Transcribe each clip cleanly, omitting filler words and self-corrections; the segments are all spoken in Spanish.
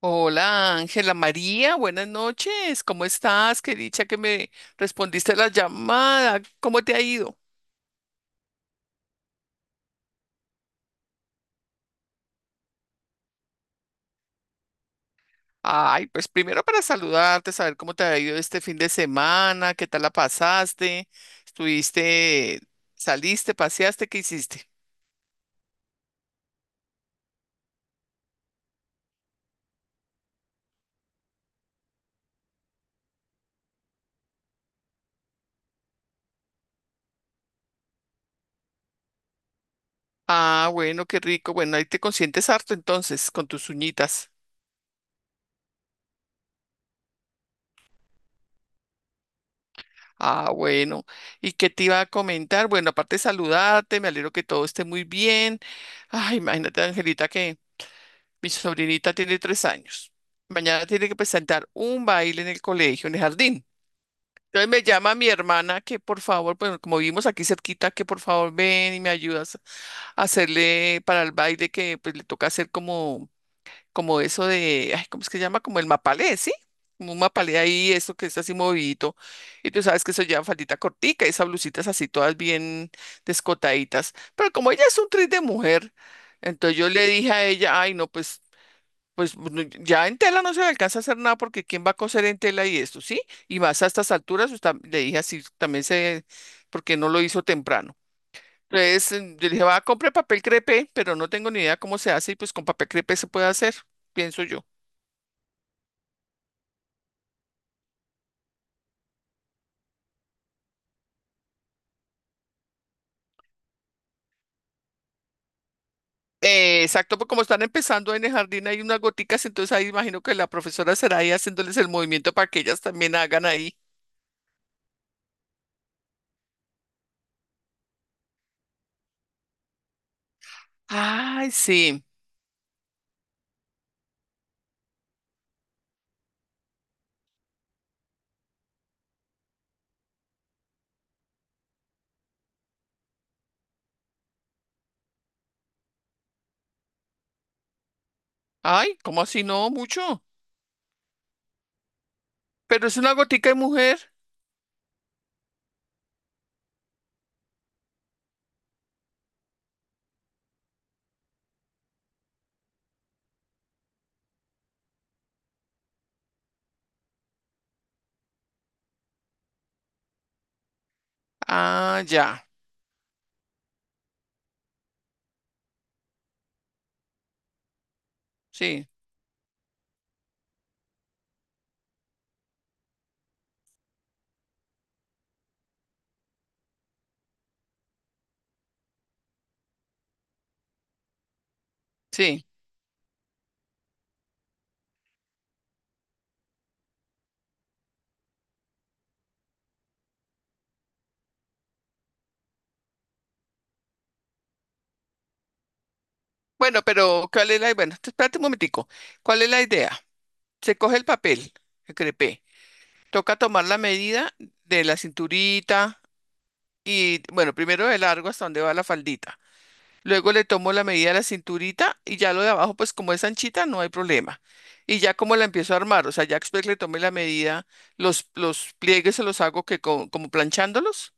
Hola Ángela María, buenas noches. ¿Cómo estás? Qué dicha que me respondiste la llamada. ¿Cómo te ha ido? Ay, pues primero para saludarte, saber cómo te ha ido este fin de semana, qué tal la pasaste, estuviste, saliste, paseaste, ¿qué hiciste? Ah, bueno, qué rico. Bueno, ahí te consientes harto entonces con tus uñitas. Ah, bueno. ¿Y qué te iba a comentar? Bueno, aparte de saludarte, me alegro que todo esté muy bien. Ay, imagínate, Angelita, que mi sobrinita tiene 3 años. Mañana tiene que presentar un baile en el colegio, en el jardín. Entonces me llama mi hermana que por favor, bueno, como vivimos aquí cerquita, que por favor ven y me ayudas a hacerle para el baile que pues le toca hacer como eso de, ay, ¿cómo es que se llama? Como el mapalé, ¿sí? Como un mapalé ahí, eso que es así movidito. Y tú sabes que eso lleva faldita cortica, esas blusitas así todas bien descotaditas. Pero como ella es un tris de mujer, entonces yo le dije a ella, ay, no, pues, ya en tela no se le alcanza a hacer nada porque quién va a coser en tela y esto, ¿sí? Y más a estas alturas, pues, le dije así, también sé porque no lo hizo temprano. Entonces, yo le dije, va, compre papel crepé, pero no tengo ni idea cómo se hace y pues con papel crepé se puede hacer, pienso yo. Exacto, pues como están empezando en el jardín hay unas goticas, entonces ahí imagino que la profesora será ahí haciéndoles el movimiento para que ellas también hagan ahí. Ay, sí. Ay, ¿cómo así? No, mucho. Pero es una gotica de mujer. Ah, ya. Sí, sí. Bueno, pero ¿cuál es la? Bueno, espérate un momentico. ¿Cuál es la idea? Se coge el papel, el crepé. Toca tomar la medida de la cinturita y, bueno, primero de largo hasta donde va la faldita. Luego le tomo la medida de la cinturita y ya lo de abajo, pues como es anchita, no hay problema. Y ya como la empiezo a armar, o sea, ya después le tomé la medida, los pliegues se los hago que como planchándolos.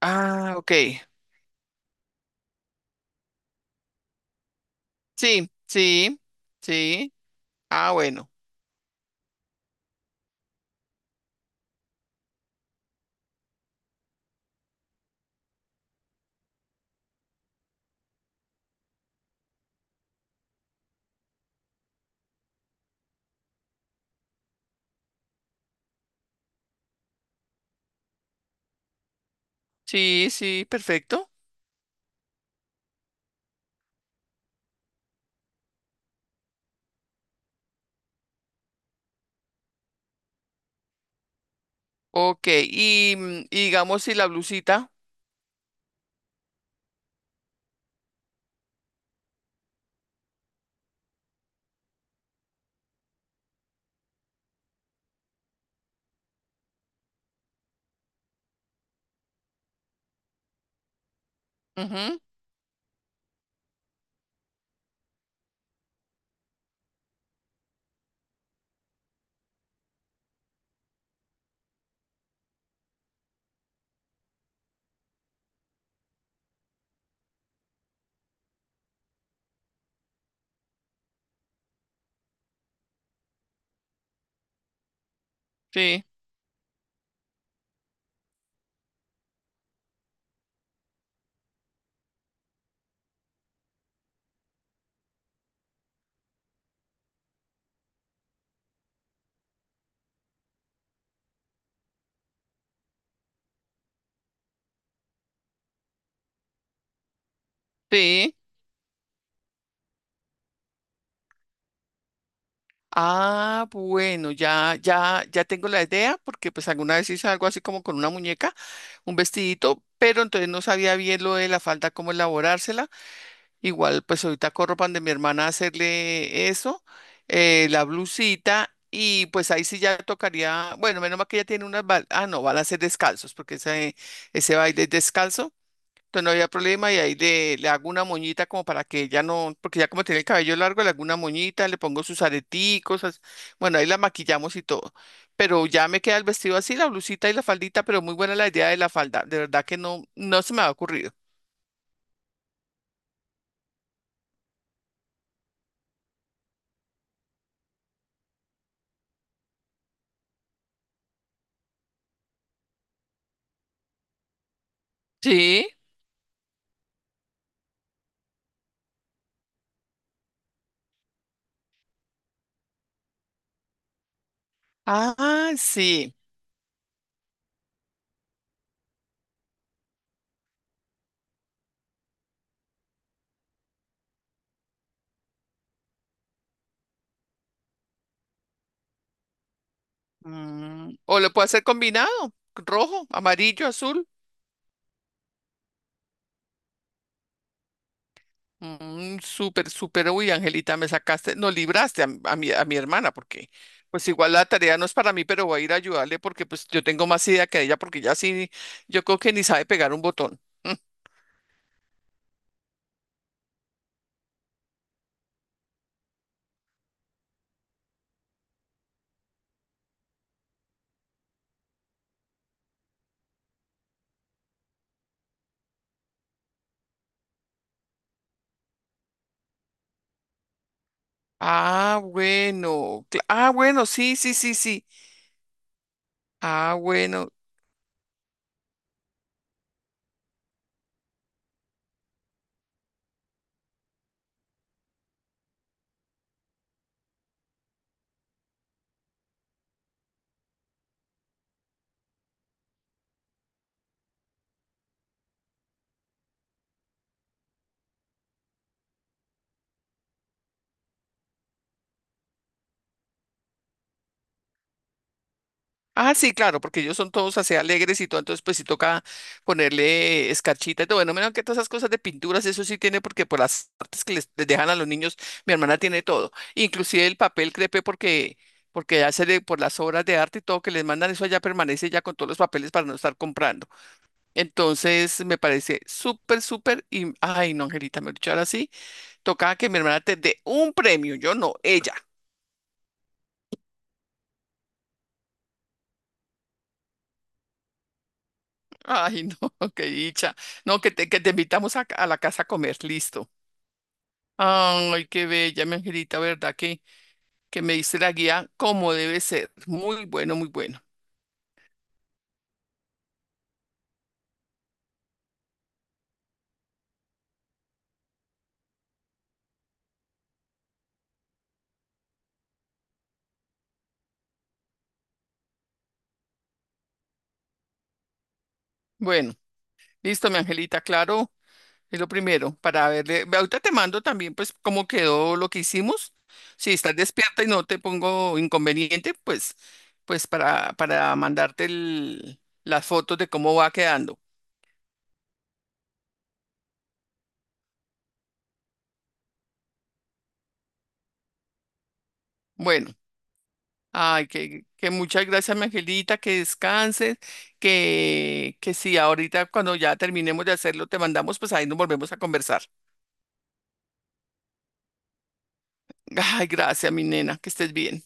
Ah, ok. Sí, sí, sí. Ah, bueno. Sí, sí, perfecto. Ok, y digamos si la blusita. Ujú. Sí, sí. Ah, bueno, ya, ya, ya tengo la idea, porque pues alguna vez hice algo así como con una muñeca, un vestidito, pero entonces no sabía bien lo de la falda, cómo elaborársela. Igual, pues ahorita corro pan de mi hermana a hacerle eso, la blusita, y pues ahí sí ya tocaría, bueno, menos mal que ella tiene unas, ah, no, van a ser descalzos, porque ese baile es descalzo. Entonces no había problema y ahí le hago una moñita como para que ella no, porque ya como tiene el cabello largo, le hago una moñita, le pongo sus areticos, bueno, ahí la maquillamos y todo. Pero ya me queda el vestido así, la blusita y la faldita, pero muy buena la idea de la falda, de verdad que no, no se me ha ocurrido. Sí. Ah, sí. Mm, o lo puedo hacer combinado, rojo, amarillo, azul. Mm, súper, súper, uy, Angelita, me sacaste, no libraste a mi hermana, porque pues igual la tarea no es para mí, pero voy a ir a ayudarle porque pues yo tengo más idea que ella, porque ya sí, yo creo que ni sabe pegar un botón. Ah, bueno, ah, bueno, sí, sí, sí, sí. Ah, bueno. Ah, sí, claro, porque ellos son todos así alegres y todo, entonces pues sí toca ponerle escarchita y todo. Bueno, menos que todas esas cosas de pinturas, eso sí tiene, porque por las artes que les dejan a los niños, mi hermana tiene todo, inclusive el papel crepe, porque porque por las obras de arte y todo que les mandan, eso allá permanece ya con todos los papeles para no estar comprando. Entonces me parece súper, súper, y ay, no, Angelita, me dicho ahora sí, toca que mi hermana te dé un premio, yo no, ella. Ay, no, qué dicha. No, que te invitamos a la casa a comer, listo. Ay, qué bella, mi angelita, ¿verdad? Que me diste la guía como debe ser. Muy bueno, muy bueno. Bueno, listo, mi angelita, claro, es lo primero para verle. Ahorita te mando también, pues, cómo quedó lo que hicimos. Si estás despierta y no te pongo inconveniente, pues, para mandarte las fotos de cómo va quedando. Bueno. Ay, que muchas gracias, mi angelita, que descanses, que sí, ahorita cuando ya terminemos de hacerlo, te mandamos, pues ahí nos volvemos a conversar. Ay, gracias, mi nena, que estés bien.